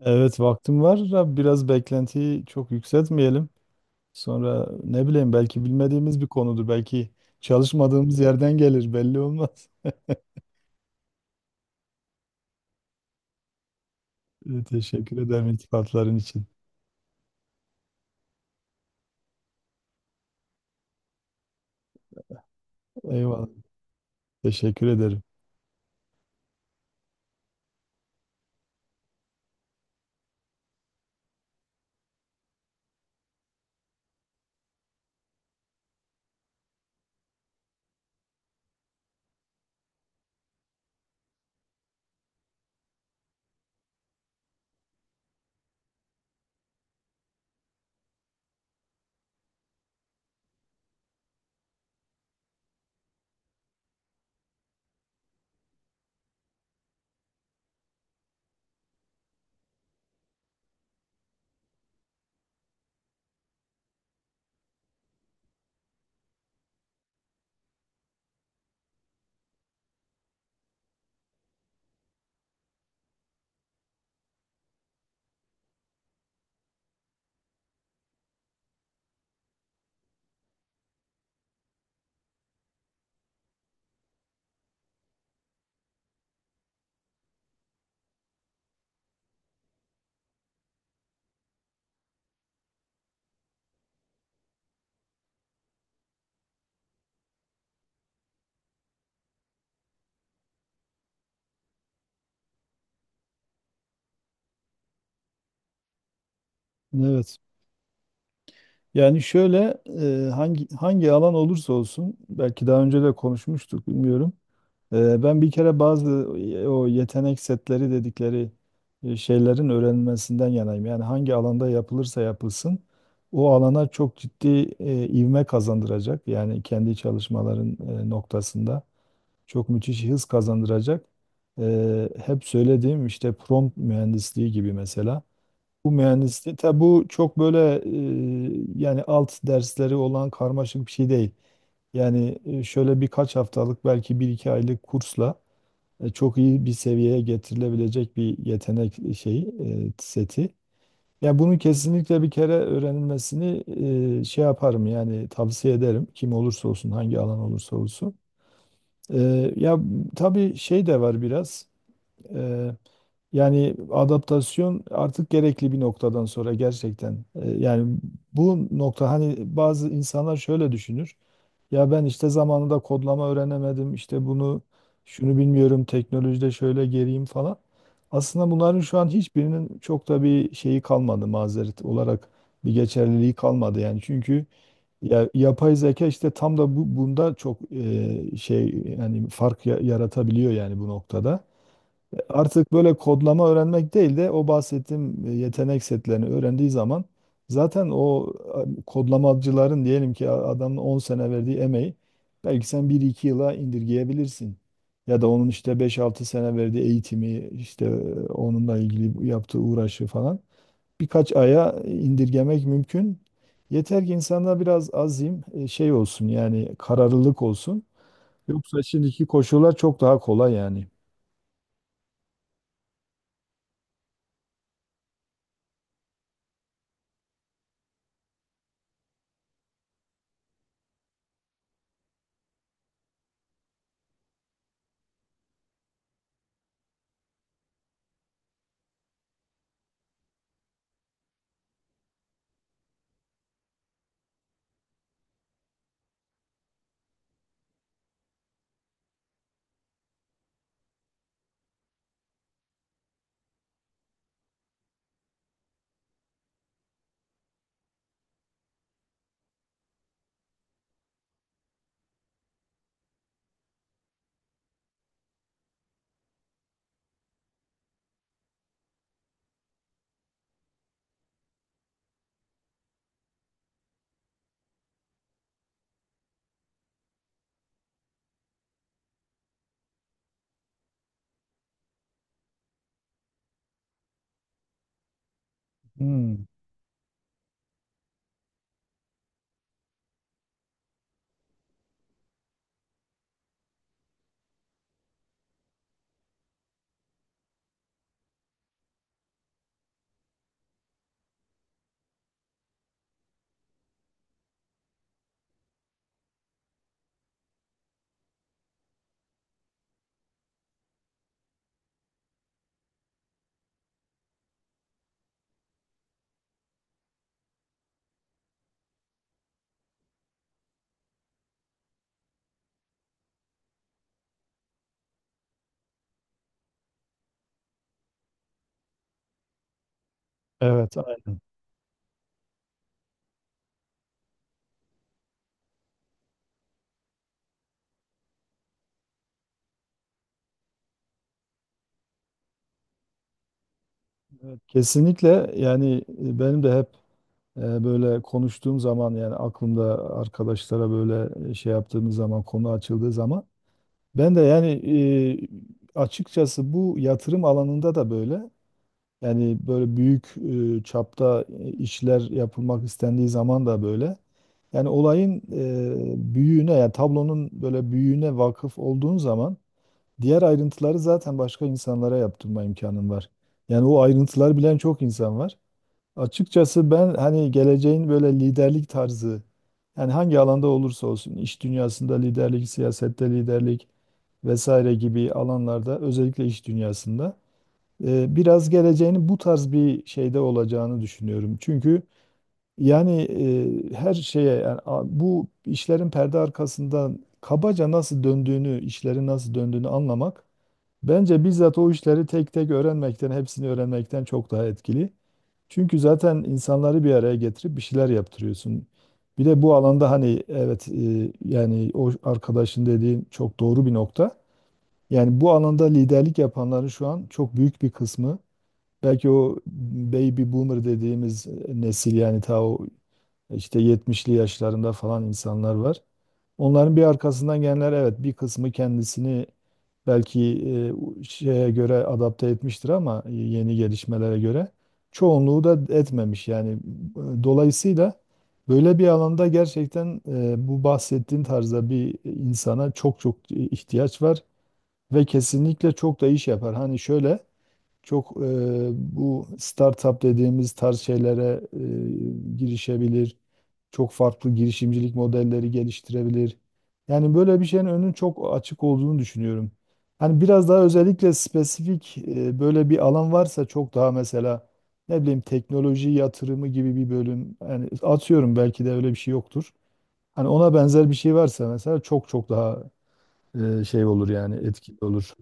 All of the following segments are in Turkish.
Evet vaktim var. Biraz beklentiyi çok yükseltmeyelim. Sonra ne bileyim, belki bilmediğimiz bir konudur. Belki çalışmadığımız yerden gelir, belli olmaz. Teşekkür ederim iltifatların için. Eyvallah. Teşekkür ederim. Evet. Yani şöyle, hangi alan olursa olsun, belki daha önce de konuşmuştuk, bilmiyorum. Ben bir kere bazı o yetenek setleri dedikleri şeylerin öğrenilmesinden yanayım. Yani hangi alanda yapılırsa yapılsın, o alana çok ciddi ivme kazandıracak. Yani kendi çalışmaların noktasında çok müthiş hız kazandıracak. Hep söylediğim işte prompt mühendisliği gibi mesela. Bu mühendisliği, tabi bu çok böyle yani alt dersleri olan karmaşık bir şey değil. Yani şöyle birkaç haftalık, belki bir iki aylık kursla çok iyi bir seviyeye getirilebilecek bir yetenek şeyi, seti. Yani bunun kesinlikle bir kere öğrenilmesini şey yaparım, yani tavsiye ederim, kim olursa olsun, hangi alan olursa olsun. E, ya tabii şey de var biraz. E, Yani adaptasyon artık gerekli bir noktadan sonra, gerçekten. Yani bu nokta, hani bazı insanlar şöyle düşünür. Ya ben işte zamanında kodlama öğrenemedim. İşte bunu şunu bilmiyorum. Teknolojide şöyle geriyim falan. Aslında bunların şu an hiçbirinin çok da bir şeyi kalmadı, mazeret olarak bir geçerliliği kalmadı yani. Çünkü ya, yapay zeka işte tam da bu bunda çok şey, yani yaratabiliyor yani bu noktada. Artık böyle kodlama öğrenmek değil de, o bahsettiğim yetenek setlerini öğrendiği zaman zaten o kodlamacıların, diyelim ki adamın 10 sene verdiği emeği belki sen bir iki yıla indirgeyebilirsin. Ya da onun işte 5-6 sene verdiği eğitimi, işte onunla ilgili yaptığı uğraşı falan, birkaç aya indirgemek mümkün. Yeter ki insanda biraz azim şey olsun, yani kararlılık olsun. Yoksa şimdiki koşullar çok daha kolay yani. Hmm, evet, aynen. Evet, kesinlikle. Yani benim de hep böyle konuştuğum zaman, yani aklımda arkadaşlara böyle şey yaptığımız zaman, konu açıldığı zaman ben de yani açıkçası bu yatırım alanında da böyle, yani böyle büyük çapta işler yapılmak istendiği zaman da böyle, yani olayın büyüğüne, yani tablonun böyle büyüğüne vakıf olduğun zaman diğer ayrıntıları zaten başka insanlara yaptırma imkanın var. Yani o ayrıntılar bilen çok insan var. Açıkçası ben, hani geleceğin böyle liderlik tarzı, yani hangi alanda olursa olsun, iş dünyasında liderlik, siyasette liderlik vesaire gibi alanlarda, özellikle iş dünyasında, biraz geleceğinin bu tarz bir şeyde olacağını düşünüyorum. Çünkü yani her şeye yani, bu işlerin perde arkasından kabaca nasıl döndüğünü, işlerin nasıl döndüğünü anlamak bence bizzat o işleri tek tek öğrenmekten, hepsini öğrenmekten çok daha etkili. Çünkü zaten insanları bir araya getirip bir şeyler yaptırıyorsun. Bir de bu alanda hani evet, yani o arkadaşın dediğin çok doğru bir nokta. Yani bu alanda liderlik yapanların şu an çok büyük bir kısmı, belki o baby boomer dediğimiz nesil, yani ta o işte 70'li yaşlarında falan insanlar var. Onların bir arkasından gelenler, evet, bir kısmı kendisini belki e, şeye göre adapte etmiştir ama yeni gelişmelere göre çoğunluğu da etmemiş. Yani dolayısıyla böyle bir alanda gerçekten bu bahsettiğin tarzda bir insana çok çok ihtiyaç var ve kesinlikle çok da iş yapar. Hani şöyle çok bu startup dediğimiz tarz şeylere girişebilir. Çok farklı girişimcilik modelleri geliştirebilir. Yani böyle bir şeyin önünün çok açık olduğunu düşünüyorum. Hani biraz daha özellikle spesifik böyle bir alan varsa çok daha, mesela ne bileyim teknoloji yatırımı gibi bir bölüm, yani atıyorum, belki de öyle bir şey yoktur. Hani ona benzer bir şey varsa mesela çok çok daha şey olur, yani etkili olur.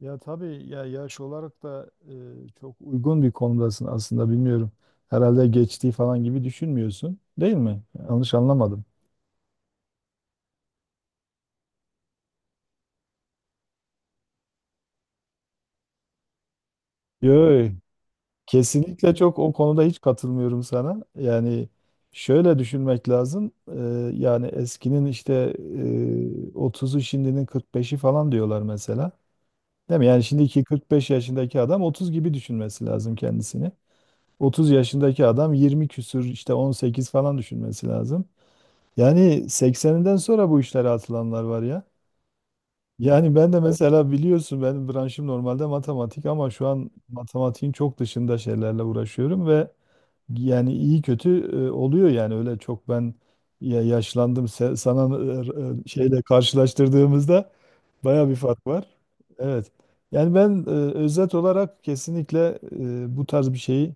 Ya tabii, ya yaş olarak da çok uygun bir konumdasın aslında, bilmiyorum. Herhalde geçtiği falan gibi düşünmüyorsun, değil mi? Yanlış anlamadım. Yo, kesinlikle, çok o konuda hiç katılmıyorum sana. Yani şöyle düşünmek lazım. Yani eskinin işte 30'u, şimdinin 45'i falan diyorlar mesela. Değil mi? Yani şimdiki 45 yaşındaki adam 30 gibi düşünmesi lazım kendisini. 30 yaşındaki adam 20 küsür işte 18 falan düşünmesi lazım. Yani 80'inden sonra bu işlere atılanlar var ya. Yani ben de mesela, biliyorsun, benim branşım normalde matematik ama şu an matematiğin çok dışında şeylerle uğraşıyorum ve yani iyi kötü oluyor. Yani öyle çok, ben ya yaşlandım sana şeyle karşılaştırdığımızda baya bir fark var. Evet. Yani ben özet olarak kesinlikle bu tarz bir şeyi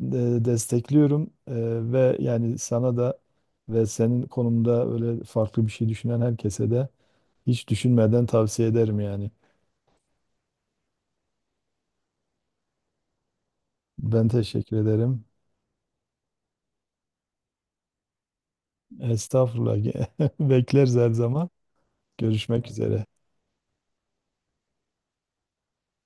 destekliyorum. Ve yani sana da, ve senin konumda öyle farklı bir şey düşünen herkese de hiç düşünmeden tavsiye ederim yani. Ben teşekkür ederim. Estağfurullah. Bekleriz her zaman. Görüşmek üzere.